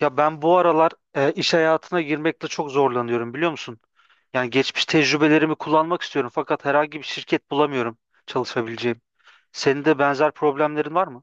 Ya ben bu aralar iş hayatına girmekte çok zorlanıyorum biliyor musun? Yani geçmiş tecrübelerimi kullanmak istiyorum fakat herhangi bir şirket bulamıyorum çalışabileceğim. Senin de benzer problemlerin var mı?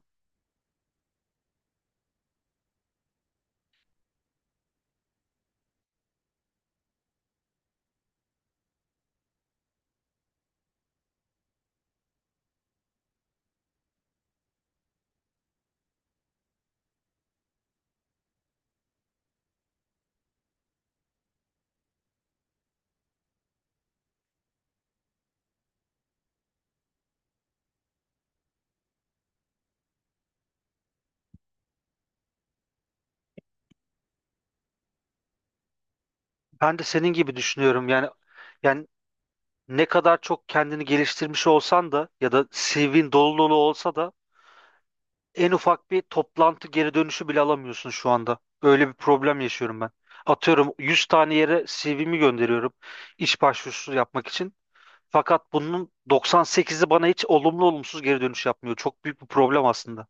Ben de senin gibi düşünüyorum. Yani ne kadar çok kendini geliştirmiş olsan da ya da CV'nin dolu dolu olsa da en ufak bir toplantı geri dönüşü bile alamıyorsun şu anda. Öyle bir problem yaşıyorum ben. Atıyorum 100 tane yere CV'mi gönderiyorum iş başvurusu yapmak için. Fakat bunun 98'i bana hiç olumlu olumsuz geri dönüş yapmıyor. Çok büyük bir problem aslında.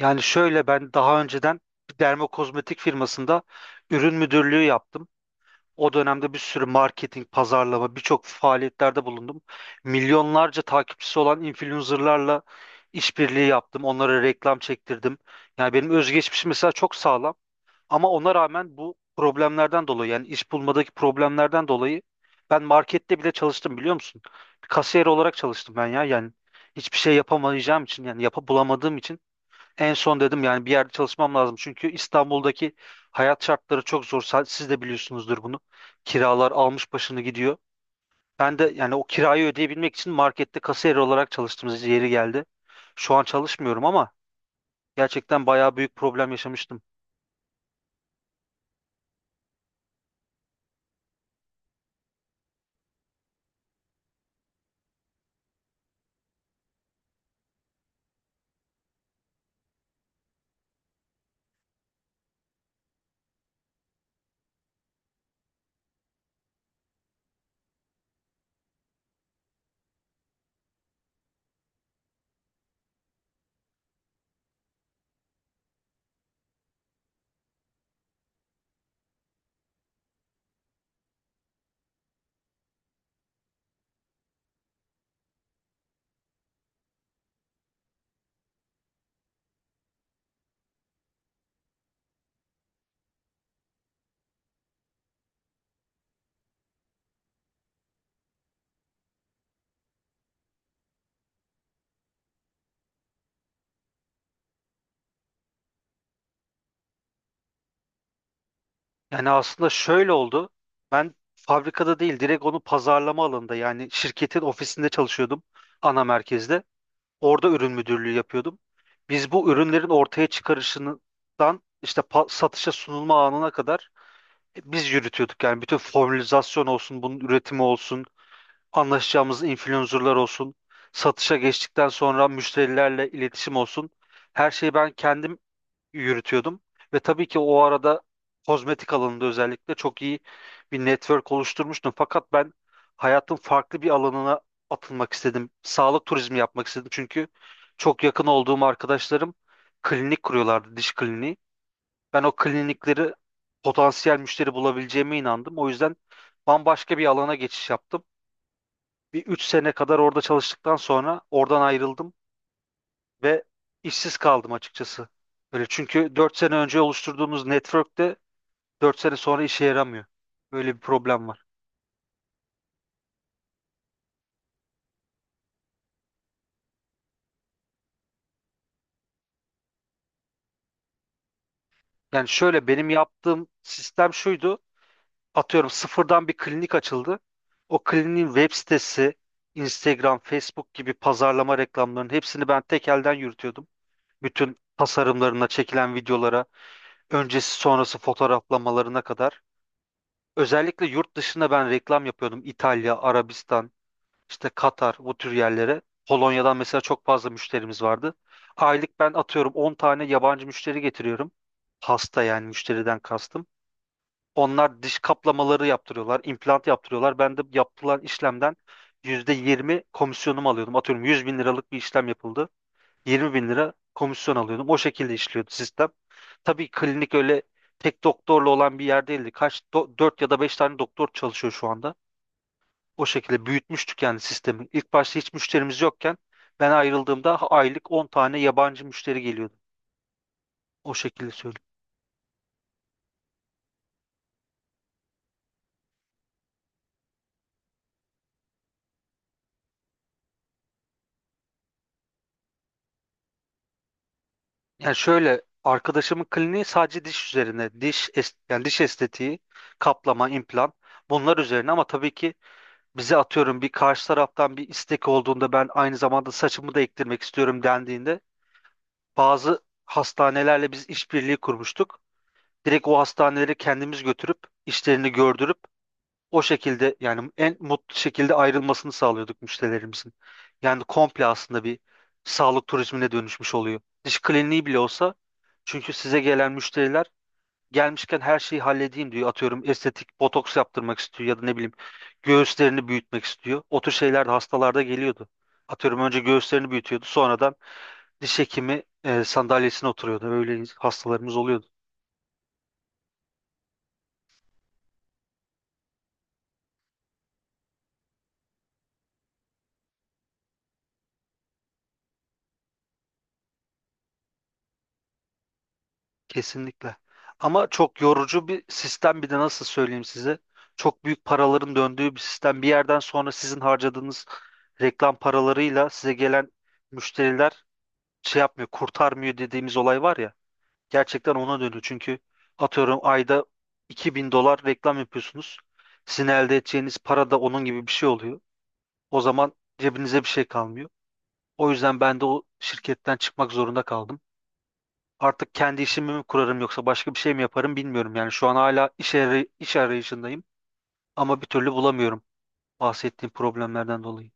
Yani şöyle ben daha önceden bir dermokozmetik firmasında ürün müdürlüğü yaptım. O dönemde bir sürü marketing, pazarlama, birçok faaliyetlerde bulundum. Milyonlarca takipçisi olan influencerlarla işbirliği yaptım. Onlara reklam çektirdim. Yani benim özgeçmişim mesela çok sağlam. Ama ona rağmen bu problemlerden dolayı yani iş bulmadaki problemlerden dolayı ben markette bile çalıştım biliyor musun? Bir kasiyer olarak çalıştım ben ya yani hiçbir şey yapamayacağım için yani yapa bulamadığım için en son dedim yani bir yerde çalışmam lazım. Çünkü İstanbul'daki hayat şartları çok zor. Siz de biliyorsunuzdur bunu. Kiralar almış başını gidiyor. Ben de yani o kirayı ödeyebilmek için markette kasiyer olarak çalıştığımız yeri geldi. Şu an çalışmıyorum ama gerçekten bayağı büyük problem yaşamıştım. Yani aslında şöyle oldu. Ben fabrikada değil, direkt onu pazarlama alanında yani şirketin ofisinde çalışıyordum ana merkezde. Orada ürün müdürlüğü yapıyordum. Biz bu ürünlerin ortaya çıkarışından işte satışa sunulma anına kadar biz yürütüyorduk. Yani bütün formülizasyon olsun, bunun üretimi olsun, anlaşacağımız influencerlar olsun, satışa geçtikten sonra müşterilerle iletişim olsun. Her şeyi ben kendim yürütüyordum. Ve tabii ki o arada kozmetik alanında özellikle çok iyi bir network oluşturmuştum. Fakat ben hayatın farklı bir alanına atılmak istedim. Sağlık turizmi yapmak istedim. Çünkü çok yakın olduğum arkadaşlarım klinik kuruyorlardı, diş kliniği. Ben o klinikleri potansiyel müşteri bulabileceğime inandım. O yüzden bambaşka bir alana geçiş yaptım. Bir 3 sene kadar orada çalıştıktan sonra oradan ayrıldım ve işsiz kaldım açıkçası. Böyle çünkü 4 sene önce oluşturduğumuz network'te 4 sene sonra işe yaramıyor. Böyle bir problem var. Yani şöyle benim yaptığım sistem şuydu. Atıyorum sıfırdan bir klinik açıldı. O kliniğin web sitesi, Instagram, Facebook gibi pazarlama reklamlarının hepsini ben tek elden yürütüyordum. Bütün tasarımlarına, çekilen videolara, öncesi sonrası fotoğraflamalarına kadar. Özellikle yurt dışında ben reklam yapıyordum. İtalya, Arabistan, işte Katar bu tür yerlere. Polonya'dan mesela çok fazla müşterimiz vardı. Aylık ben atıyorum 10 tane yabancı müşteri getiriyorum. Hasta yani müşteriden kastım. Onlar diş kaplamaları yaptırıyorlar, implant yaptırıyorlar. Ben de yapılan işlemden %20 komisyonumu alıyordum. Atıyorum 100 bin liralık bir işlem yapıldı. 20 bin lira komisyon alıyordum. O şekilde işliyordu sistem. Tabii klinik öyle tek doktorla olan bir yer değildi. Dört ya da 5 tane doktor çalışıyor şu anda. O şekilde büyütmüştük yani sistemin. İlk başta hiç müşterimiz yokken ben ayrıldığımda aylık 10 tane yabancı müşteri geliyordu. O şekilde söyleyeyim. Yani şöyle arkadaşımın kliniği sadece diş üzerine, diş yani diş estetiği, kaplama, implant bunlar üzerine ama tabii ki bize atıyorum bir karşı taraftan bir istek olduğunda ben aynı zamanda saçımı da ektirmek istiyorum dendiğinde bazı hastanelerle biz işbirliği kurmuştuk. Direkt o hastaneleri kendimiz götürüp işlerini gördürüp o şekilde yani en mutlu şekilde ayrılmasını sağlıyorduk müşterilerimizin. Yani komple aslında bir sağlık turizmine dönüşmüş oluyor. Diş kliniği bile olsa çünkü size gelen müşteriler gelmişken her şeyi halledeyim diyor. Atıyorum estetik botoks yaptırmak istiyor ya da ne bileyim göğüslerini büyütmek istiyor. O tür şeyler de hastalarda geliyordu. Atıyorum önce göğüslerini büyütüyordu sonradan diş hekimi sandalyesine oturuyordu. Öyle hastalarımız oluyordu. Kesinlikle. Ama çok yorucu bir sistem bir de nasıl söyleyeyim size. Çok büyük paraların döndüğü bir sistem. Bir yerden sonra sizin harcadığınız reklam paralarıyla size gelen müşteriler şey yapmıyor, kurtarmıyor dediğimiz olay var ya. Gerçekten ona dönüyor. Çünkü atıyorum ayda 2.000 dolar reklam yapıyorsunuz. Sizin elde edeceğiniz para da onun gibi bir şey oluyor. O zaman cebinize bir şey kalmıyor. O yüzden ben de o şirketten çıkmak zorunda kaldım. Artık kendi işimi mi kurarım yoksa başka bir şey mi yaparım bilmiyorum. Yani şu an hala iş arayışındayım ama bir türlü bulamıyorum bahsettiğim problemlerden dolayı.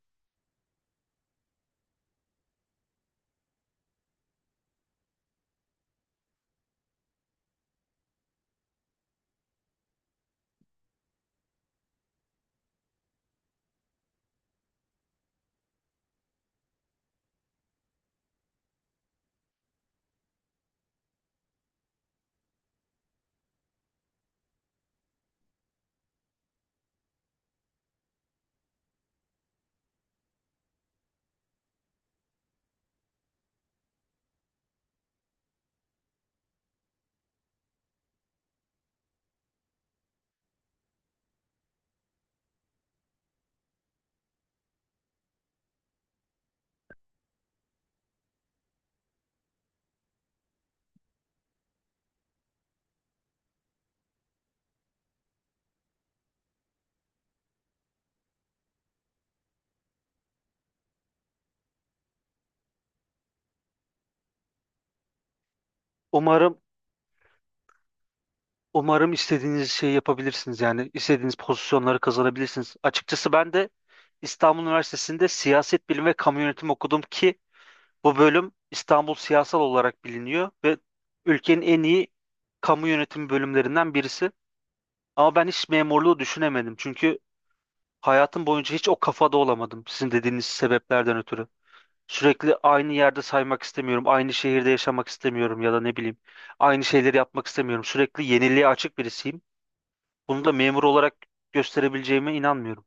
Umarım umarım istediğiniz şeyi yapabilirsiniz yani istediğiniz pozisyonları kazanabilirsiniz. Açıkçası ben de İstanbul Üniversitesi'nde siyaset bilimi ve kamu yönetimi okudum ki bu bölüm İstanbul siyasal olarak biliniyor ve ülkenin en iyi kamu yönetimi bölümlerinden birisi. Ama ben hiç memurluğu düşünemedim çünkü hayatım boyunca hiç o kafada olamadım sizin dediğiniz sebeplerden ötürü. Sürekli aynı yerde saymak istemiyorum, aynı şehirde yaşamak istemiyorum ya da ne bileyim, aynı şeyleri yapmak istemiyorum. Sürekli yeniliğe açık birisiyim. Bunu da memur olarak gösterebileceğime inanmıyorum.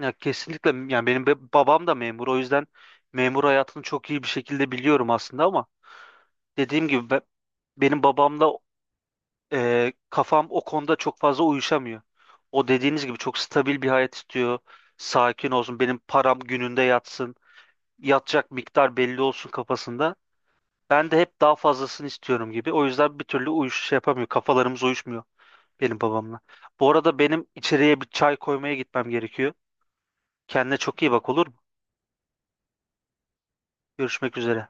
Ya kesinlikle yani benim babam da memur o yüzden memur hayatını çok iyi bir şekilde biliyorum aslında ama dediğim gibi benim babamda kafam o konuda çok fazla uyuşamıyor. O dediğiniz gibi çok stabil bir hayat istiyor. Sakin olsun, benim param gününde yatsın, yatacak miktar belli olsun kafasında. Ben de hep daha fazlasını istiyorum gibi. O yüzden bir türlü şey yapamıyor. Kafalarımız uyuşmuyor benim babamla. Bu arada benim içeriye bir çay koymaya gitmem gerekiyor. Kendine çok iyi bak olur mu? Görüşmek üzere.